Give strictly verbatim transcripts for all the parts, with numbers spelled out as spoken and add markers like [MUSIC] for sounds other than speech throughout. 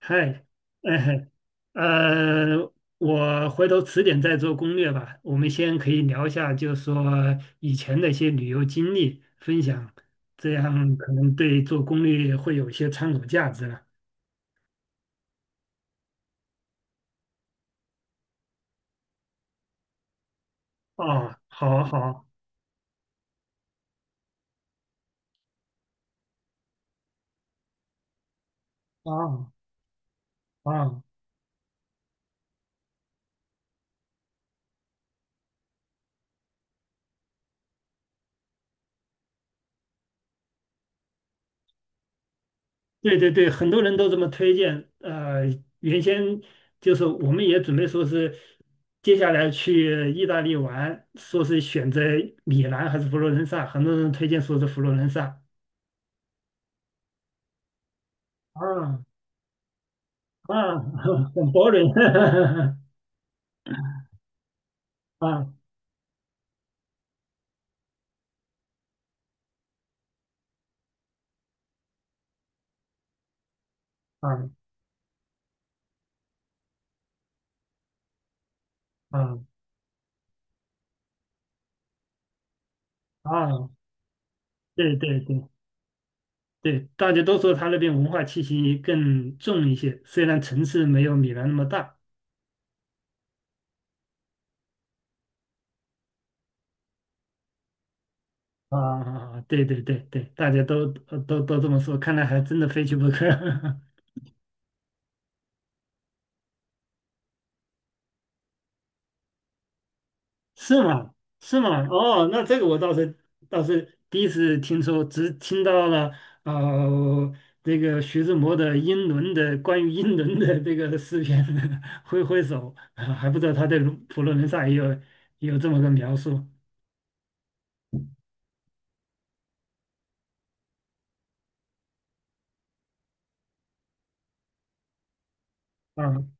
嗨，哎嘿，呃，我回头迟点再做攻略吧。我们先可以聊一下，就是说以前的一些旅游经历分享，这样可能对做攻略会有一些参考价值了。哦，好好啊啊，对对对，很多人都这么推荐。呃，原先就是我们也准备说是接下来去意大利玩，说是选择米兰还是佛罗伦萨，很多人推荐说是佛罗伦萨。啊啊，[LAUGHS] 很 boring，[LAUGHS] 啊啊啊啊，对对对对，大家都说他那边文化气息更重一些，虽然城市没有米兰那么大。啊，对对对对，大家都都都这么说，看来还真的非去不可。[LAUGHS] 是吗？是吗？哦，那这个我倒是倒是第一次听说，只听到了呃这个徐志摩的英伦的关于英伦的这个诗篇，[LAUGHS] 挥挥手，啊还不知道他对卢佛罗伦萨也有也有这么个描述。啊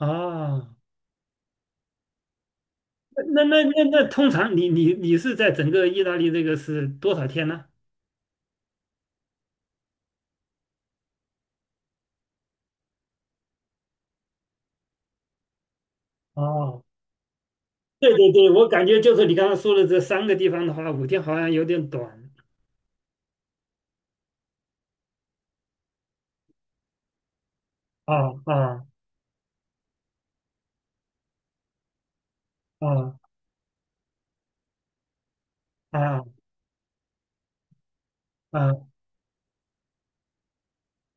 啊。那那那那通常你你你是在整个意大利这个是多少天呢？哦，对对对，我感觉就是你刚刚说的这三个地方的话，五天好像有点短。啊啊啊！啊啊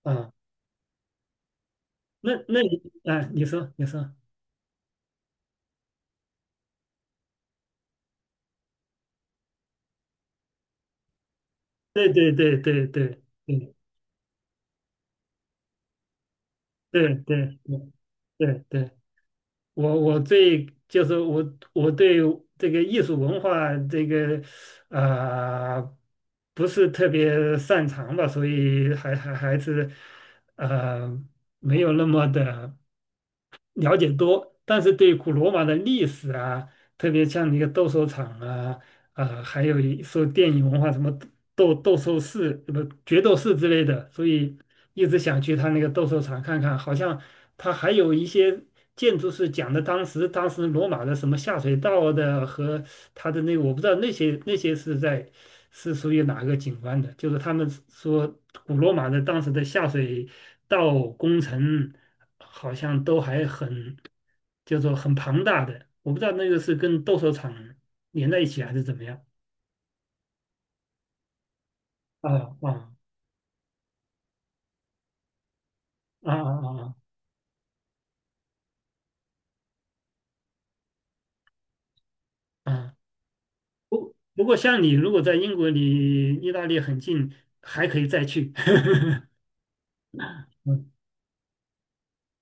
啊！那那你啊，你说你说，对对对对对对对对对对对，我我最就是我我对这个艺术文化这个呃不是特别擅长吧，所以还还还是呃没有那么的了解多，但是对古罗马的历史啊，特别像那个斗兽场啊，啊、还有一说电影文化什么斗斗兽士、不决斗士之类的，所以一直想去他那个斗兽场看看。好像他还有一些建筑是讲的当时当时罗马的什么下水道的和他的那个，我不知道那些那些是在是属于哪个景观的？就是他们说古罗马的当时的下水道工程好像都还很，就是说很庞大的，我不知道那个是跟斗兽场连在一起还是怎么样。啊啊啊啊啊啊！不不过像你如果在英国离意大利很近，还可以再去。[LAUGHS] 嗯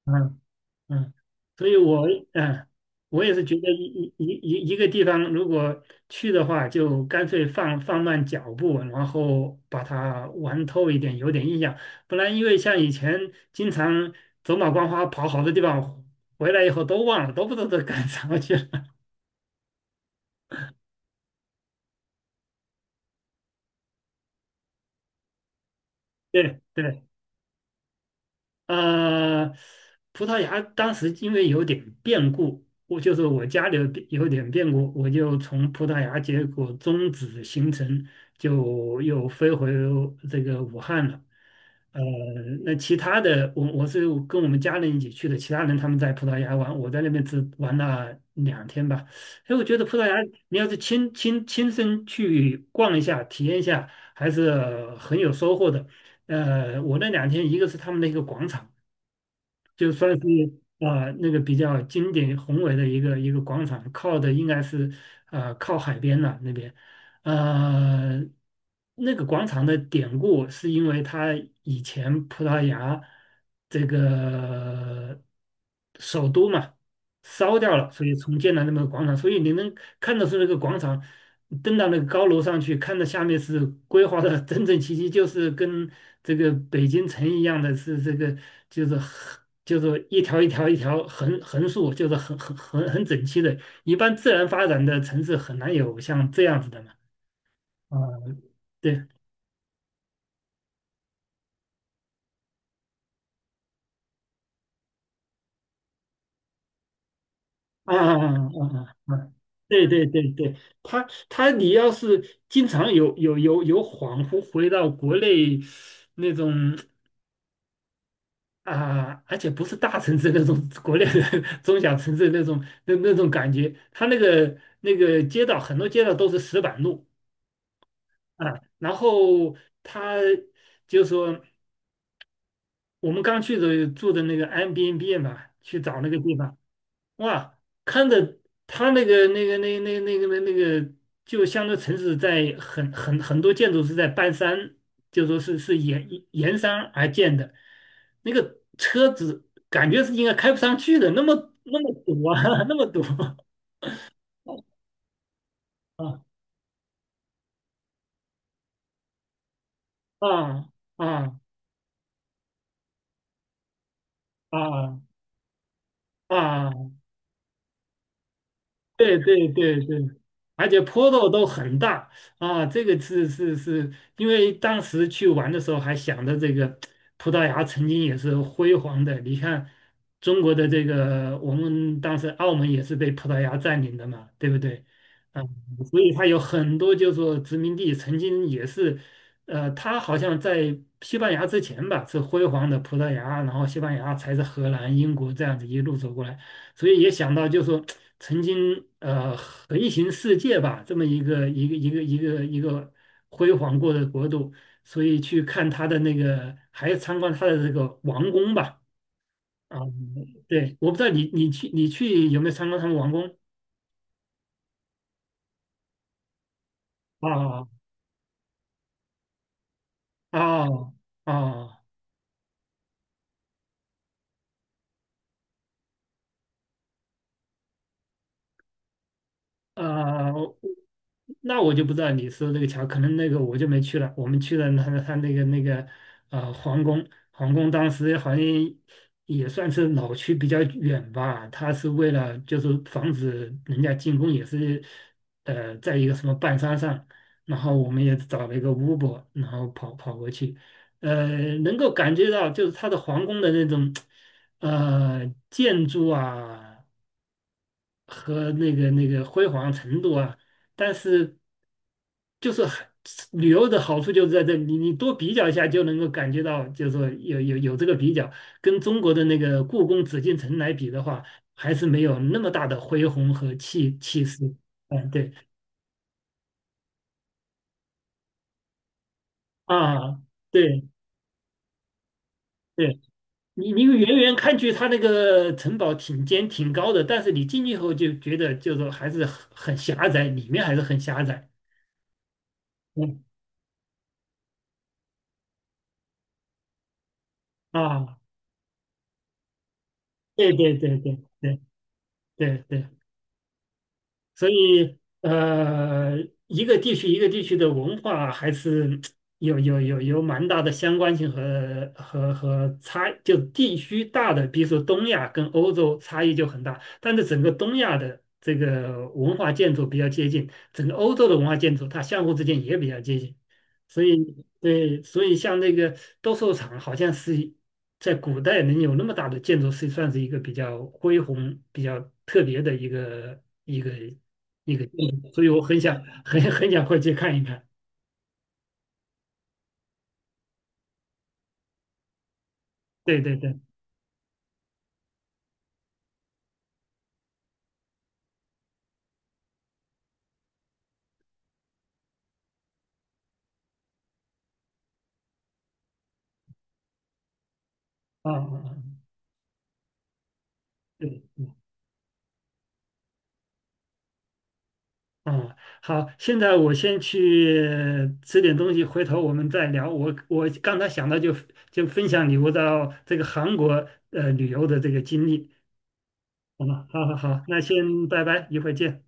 嗯嗯，所以我，嗯，我也是觉得一一一一一个地方如果去的话，就干脆放放慢脚步，然后把它玩透一点，有点印象。不然，因为像以前经常走马观花跑好多地方，回来以后都忘了，都不知道都干什么去了。[LAUGHS] 对对。呃，葡萄牙当时因为有点变故，我就是我家里有变有点变故，我就从葡萄牙结果终止行程，就又飞回这个武汉了。呃，那其他的，我我是跟我们家人一起去的，其他人他们在葡萄牙玩，我在那边只玩了两天吧。哎，我觉得葡萄牙，你要是亲亲亲身去逛一下、体验一下，还是很有收获的。呃，我那两天一个是他们的一个广场。就算是啊、呃那个比较经典宏伟的一个一个广场，靠的应该是啊靠海边了那边，呃，那个广场的典故是因为它以前葡萄牙这个呃首都嘛。烧掉了，所以重建了那么个广场，所以你能看得出那个广场，登到那个高楼上去，看到下面是规划的整整齐齐，就是跟这个北京城一样的是这个，就是横就是一条一条一条横横竖，就是很很很很整齐的。一般自然发展的城市很难有像这样子的嘛。啊，对。啊啊啊啊！啊！啊，对对对对，他他你要是经常有有有有恍惚回到国内那种啊，而且不是大城市那种国内的 [LAUGHS] 中小城市那种那那种感觉，他那个那个街道很多街道都是石板路啊，然后他就说我们刚去的住的那个 Airbnb 嘛，去找那个地方。哇，看着它那个那个那那那个那个，就相当于城市在很很很多建筑是在半山，就说是是沿沿山而建的，那个车子感觉是应该开不上去的，那么那么堵啊，[LAUGHS] 那么堵 [LAUGHS] 啊啊啊啊啊！对对对对，而且坡度都很大啊，这个是是是，因为当时去玩的时候还想着这个葡萄牙曾经也是辉煌的，你看中国的这个，我们当时澳门也是被葡萄牙占领的嘛，对不对？啊，所以它有很多就是说殖民地曾经也是，呃，它好像在西班牙之前吧是辉煌的葡萄牙，然后西班牙才是荷兰、英国这样子一路走过来。所以也想到，就说曾经呃横行世界吧，这么一个一个一个一个一个辉煌过的国度，所以去看他的那个，还参观他的这个王宫吧。啊，对，我不知道你你去你去有没有参观他们王宫？啊啊啊！哦哦，啊、那我就不知道你说这个桥，可能那个我就没去了。我们去了他他那个那个呃皇宫，皇宫当时好像也算是老区比较远吧，他是为了就是防止人家进攻，也是呃在一个什么半山上，然后我们也找了一个 u b 然后跑跑过去，呃，能够感觉到就是他的皇宫的那种呃建筑啊。和那个那个辉煌程度啊，但是就是很旅游的好处就是在这里，你你多比较一下就能够感觉到，就是说有有有这个比较，跟中国的那个故宫紫禁城来比的话，还是没有那么大的恢宏和气气势。嗯，对啊，对对，你你远远看去，它那个城堡挺尖挺高的，但是你进去以后就觉得就是说还是很很狭窄，里面还是很狭窄。嗯啊，对对对对对。对对，所以呃，一个地区一个地区的文化还是有有有有蛮大的相关性和和和差，就地区大的，比如说东亚跟欧洲差异就很大，但是整个东亚的这个文化建筑比较接近，整个欧洲的文化建筑它相互之间也比较接近，所以对，所以像那个斗兽场好像是。在古代能有那么大的建筑，是算是一个比较恢宏、比较特别的一个一个。一个建影，所以我很想很很想过去看一看。对对对，啊啊啊，对，嗯啊，好，现在我先去吃点东西，回头我们再聊。我我刚才想到就就分享你我到这个韩国呃旅游的这个经历，好吗？好好好，那先拜拜，一会儿见。